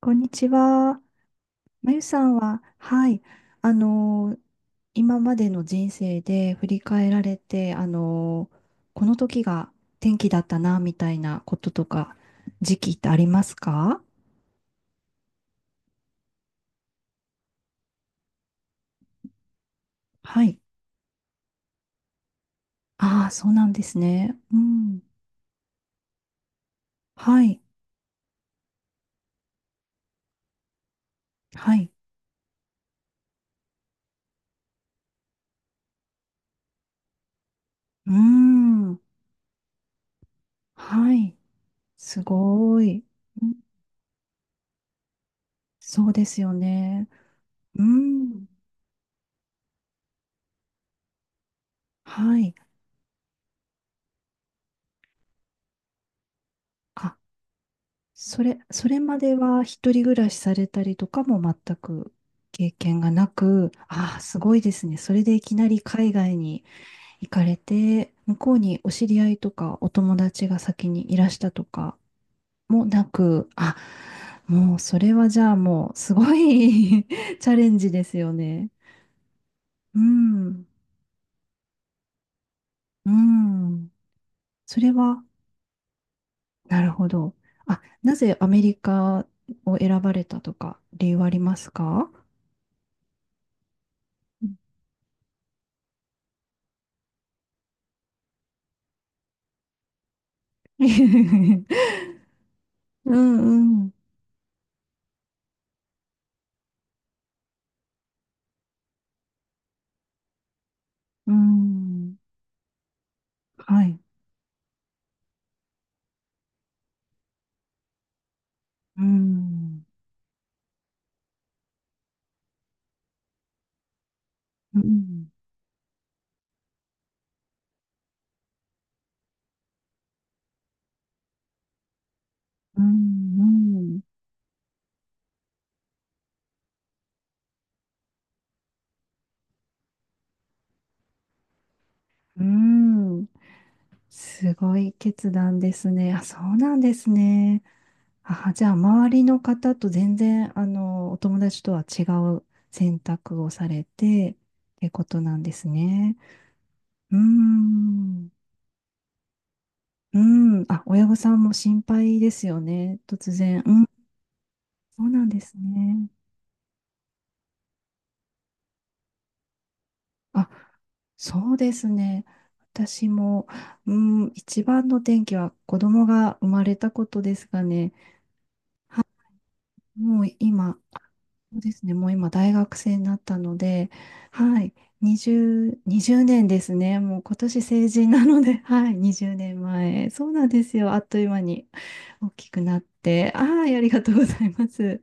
こんにちは。まゆさんは、はい、あのー今までの人生で振り返られて、この時が転機だったな、みたいなこととか、時期ってありますか？はい。ああ、そうなんですね。うん。はい。はい。うーん。はい。すごい。うん、そうですよね。うん。はい。あ、それまでは一人暮らしされたりとかも全く経験がなく、ああ、すごいですね。それでいきなり海外に行かれて、向こうにお知り合いとかお友達が先にいらしたとかもなく、あ、もうそれはじゃあもうすごい チャレンジですよね。うん、うん。それは、なるほど。あ、なぜアメリカを選ばれたとか理由はありますか？ うんうん。うん。はい。うん。うん。うん。うん。うん、すごい決断ですね。あ、そうなんですね。あ、じゃあ、周りの方と全然、お友達とは違う選択をされて、ってことなんですね。うん。うん。あ、親御さんも心配ですよね。突然。うん。そうなんですね。あ、そうですね。私も、う一番の転機は子供が生まれたことですかね。はい、もう今、そうですね。もう今大学生になったので、はい、20年ですね。もう今年成人なので、はい、20年前。そうなんですよ。あっという間に大きくなって。ああ、ありがとうございます。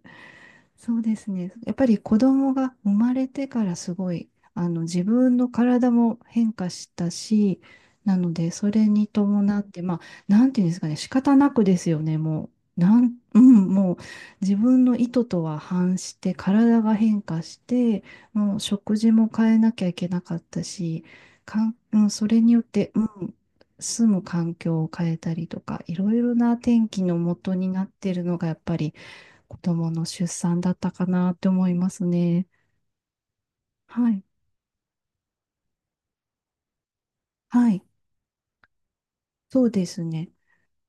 そうですね。やっぱり子供が生まれてからすごい、自分の体も変化したし、なので、それに伴って、まあ、なんていうんですかね、仕方なくですよね、もう。なん、うん、も自分の意図とは反して体が変化して、もう食事も変えなきゃいけなかったし、かん、うん、それによって、住む環境を変えたりとか、いろいろな天気の元になってるのがやっぱり子供の出産だったかなって思いますね。はい。はい。そうですね。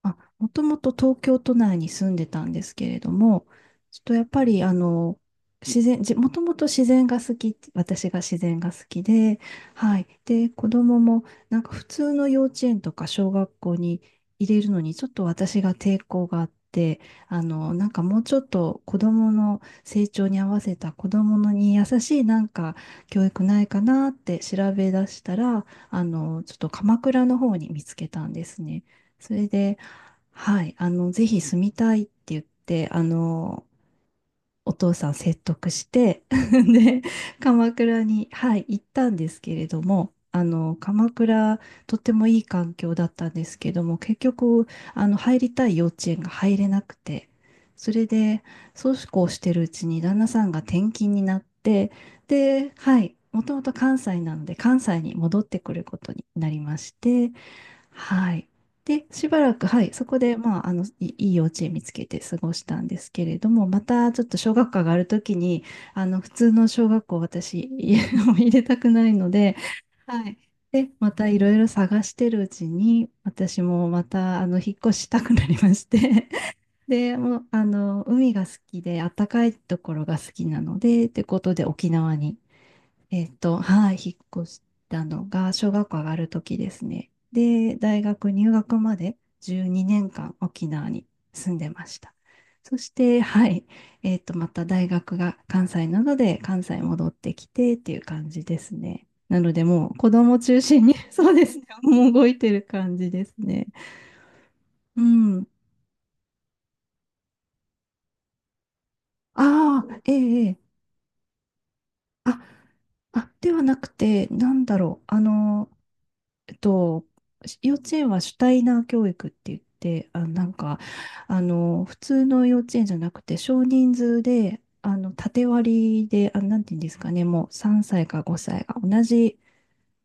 あ、もともと東京都内に住んでたんですけれども、ちょっとやっぱり自然、じ、もともと自然が好き、私が自然が好きで、はい。で、子供もなんか普通の幼稚園とか小学校に入れるのにちょっと私が抵抗があって、なんかもうちょっと子供の成長に合わせた子供のに優しいなんか教育ないかなって調べ出したら、ちょっと鎌倉の方に見つけたんですね。それで、はい、ぜひ住みたいって言って、お父さん説得して で、鎌倉に、はい、行ったんですけれども、鎌倉、とってもいい環境だったんですけども、結局、入りたい幼稚園が入れなくて、それで、そうこうしてるうちに旦那さんが転勤になって、で、はい、もともと関西なので、関西に戻ってくることになりまして、はい。で、しばらく、はい、そこで、まあ、いい幼稚園見つけて過ごしたんですけれども、またちょっと小学科があるときに、普通の小学校、私、家を 入れたくないので、はい。で、またいろいろ探してるうちに、私もまた、引っ越したくなりまして、で、もう、海が好きで、暖かいところが好きなので、ってことで沖縄にはい、引っ越したのが小学校上がる時ですね。で、大学入学まで12年間沖縄に住んでました。そして、はい、また大学が関西なので、関西戻ってきてっていう感じですね。なので、もう子供中心に そうですね、もう動いてる感じですね。うん。ああ、ええ、あ、あ、ではなくて、なんだろう、えっと、幼稚園は主体な教育って言って、あ、なんか、普通の幼稚園じゃなくて、少人数で、縦割りで、あ、なんていうんですかね、もう3歳か5歳が同じ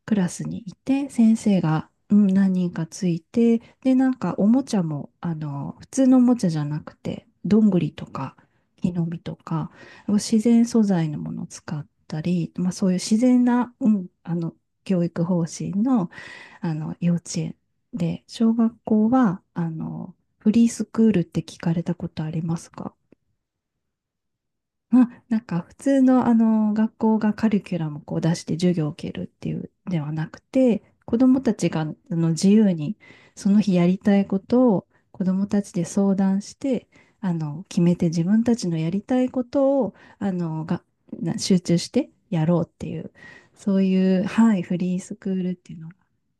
クラスにいて、先生が、何人かついて、で、なんかおもちゃも、普通のおもちゃじゃなくて、どんぐりとか、木の実とか、自然素材のものを使ったり、まあ、そういう自然な、教育方針の、幼稚園で、小学校は、フリースクールって聞かれたことありますか？あ、なんか普通のあの学校がカリキュラムをこう出して授業を受けるっていうではなくて、子どもたちが自由にその日やりたいことを子どもたちで相談して、決めて自分たちのやりたいことをあのがな集中してやろうっていう、そういう、はい、フリースクールっていうのが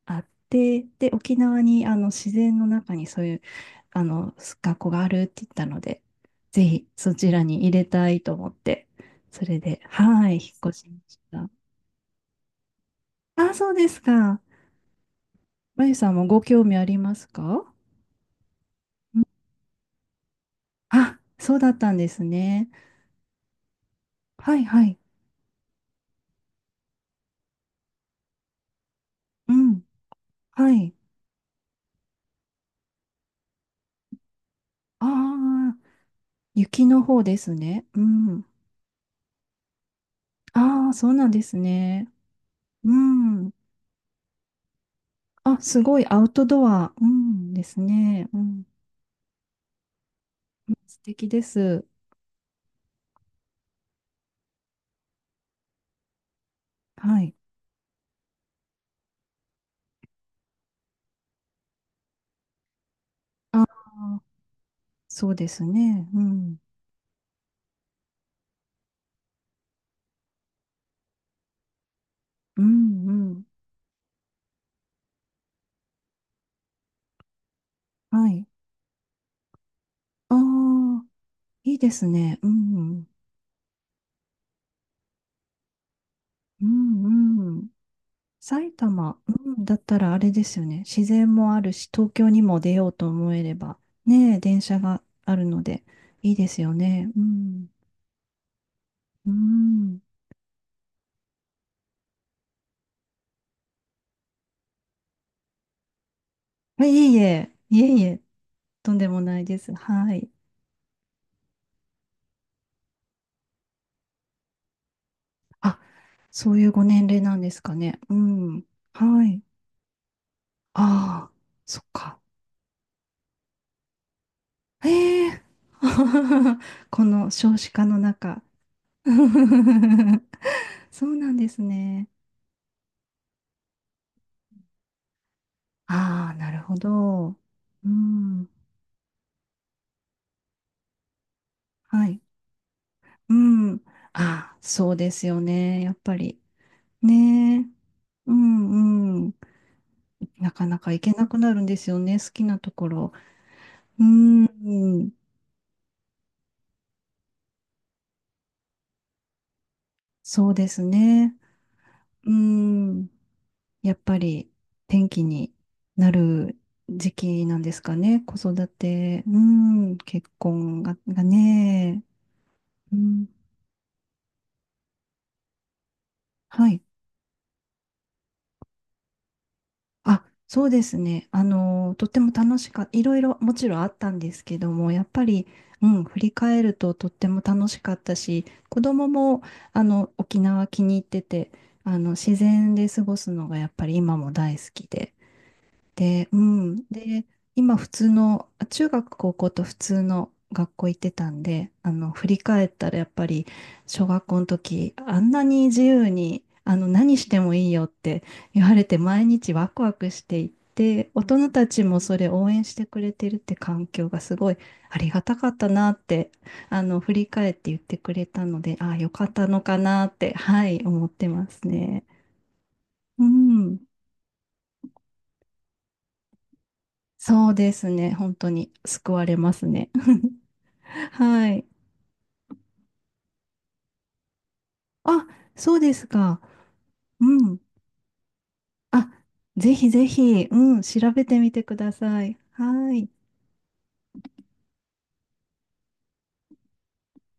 あって、で、沖縄に自然の中にそういうあの学校があるって言ったので、ぜひそちらに入れたいと思って、それで、はい、引っ越しました。あ、そうですか。まゆさんもご興味ありますか？あ、そうだったんですね。はいはい。うん。はい。ああ、雪の方ですね。うん。ああ、そうなんですね。うん。あ、すごいアウトドア。うん。ですね。うん。素敵です。はい。ああ、そうですね。うん。うんうん。はい。ああ。いいですね。うん、うん、うんうん。埼玉、うん、埼玉、うんだったらあれですよね。自然もあるし、東京にも出ようと思えれば、ねえ、電車があるので、いいですよね。うん、うん。あ、いえいえ、いえいえ、とんでもないです。はい。あ、そういうご年齢なんですかね。うん、はい。ああ、そっか。ええ この少子化の中。そうなんですね。ああ、なるほど。うん。はい。うん。ああ、そうですよね。やっぱり。ねえ。うんうん。なかなか行けなくなるんですよね。好きなところ。うん。そうですね。うん。やっぱり天気になる時期なんですかね。子育て。うん。結婚が、がね。うん。はい。あ、そうですね。とっても楽しかった。いろいろもちろんあったんですけども、やっぱり、うん、振り返るととっても楽しかったし、子供も、沖縄気に入ってて、自然で過ごすのがやっぱり今も大好きで、で、うん。で、今普通の、あ、中学高校と普通の学校行ってたんで、振り返ったらやっぱり小学校の時、あんなに自由に、何してもいいよって言われて毎日ワクワクしていて、大人たちもそれ応援してくれてるって環境がすごいありがたかったなって、振り返って言ってくれたので、ああ、よかったのかなって、はい、思ってますね。うん。そうですね。本当に救われますね。はい。あ、そうですか。うん。あ、ぜひぜひ、うん、調べてみてください。はい。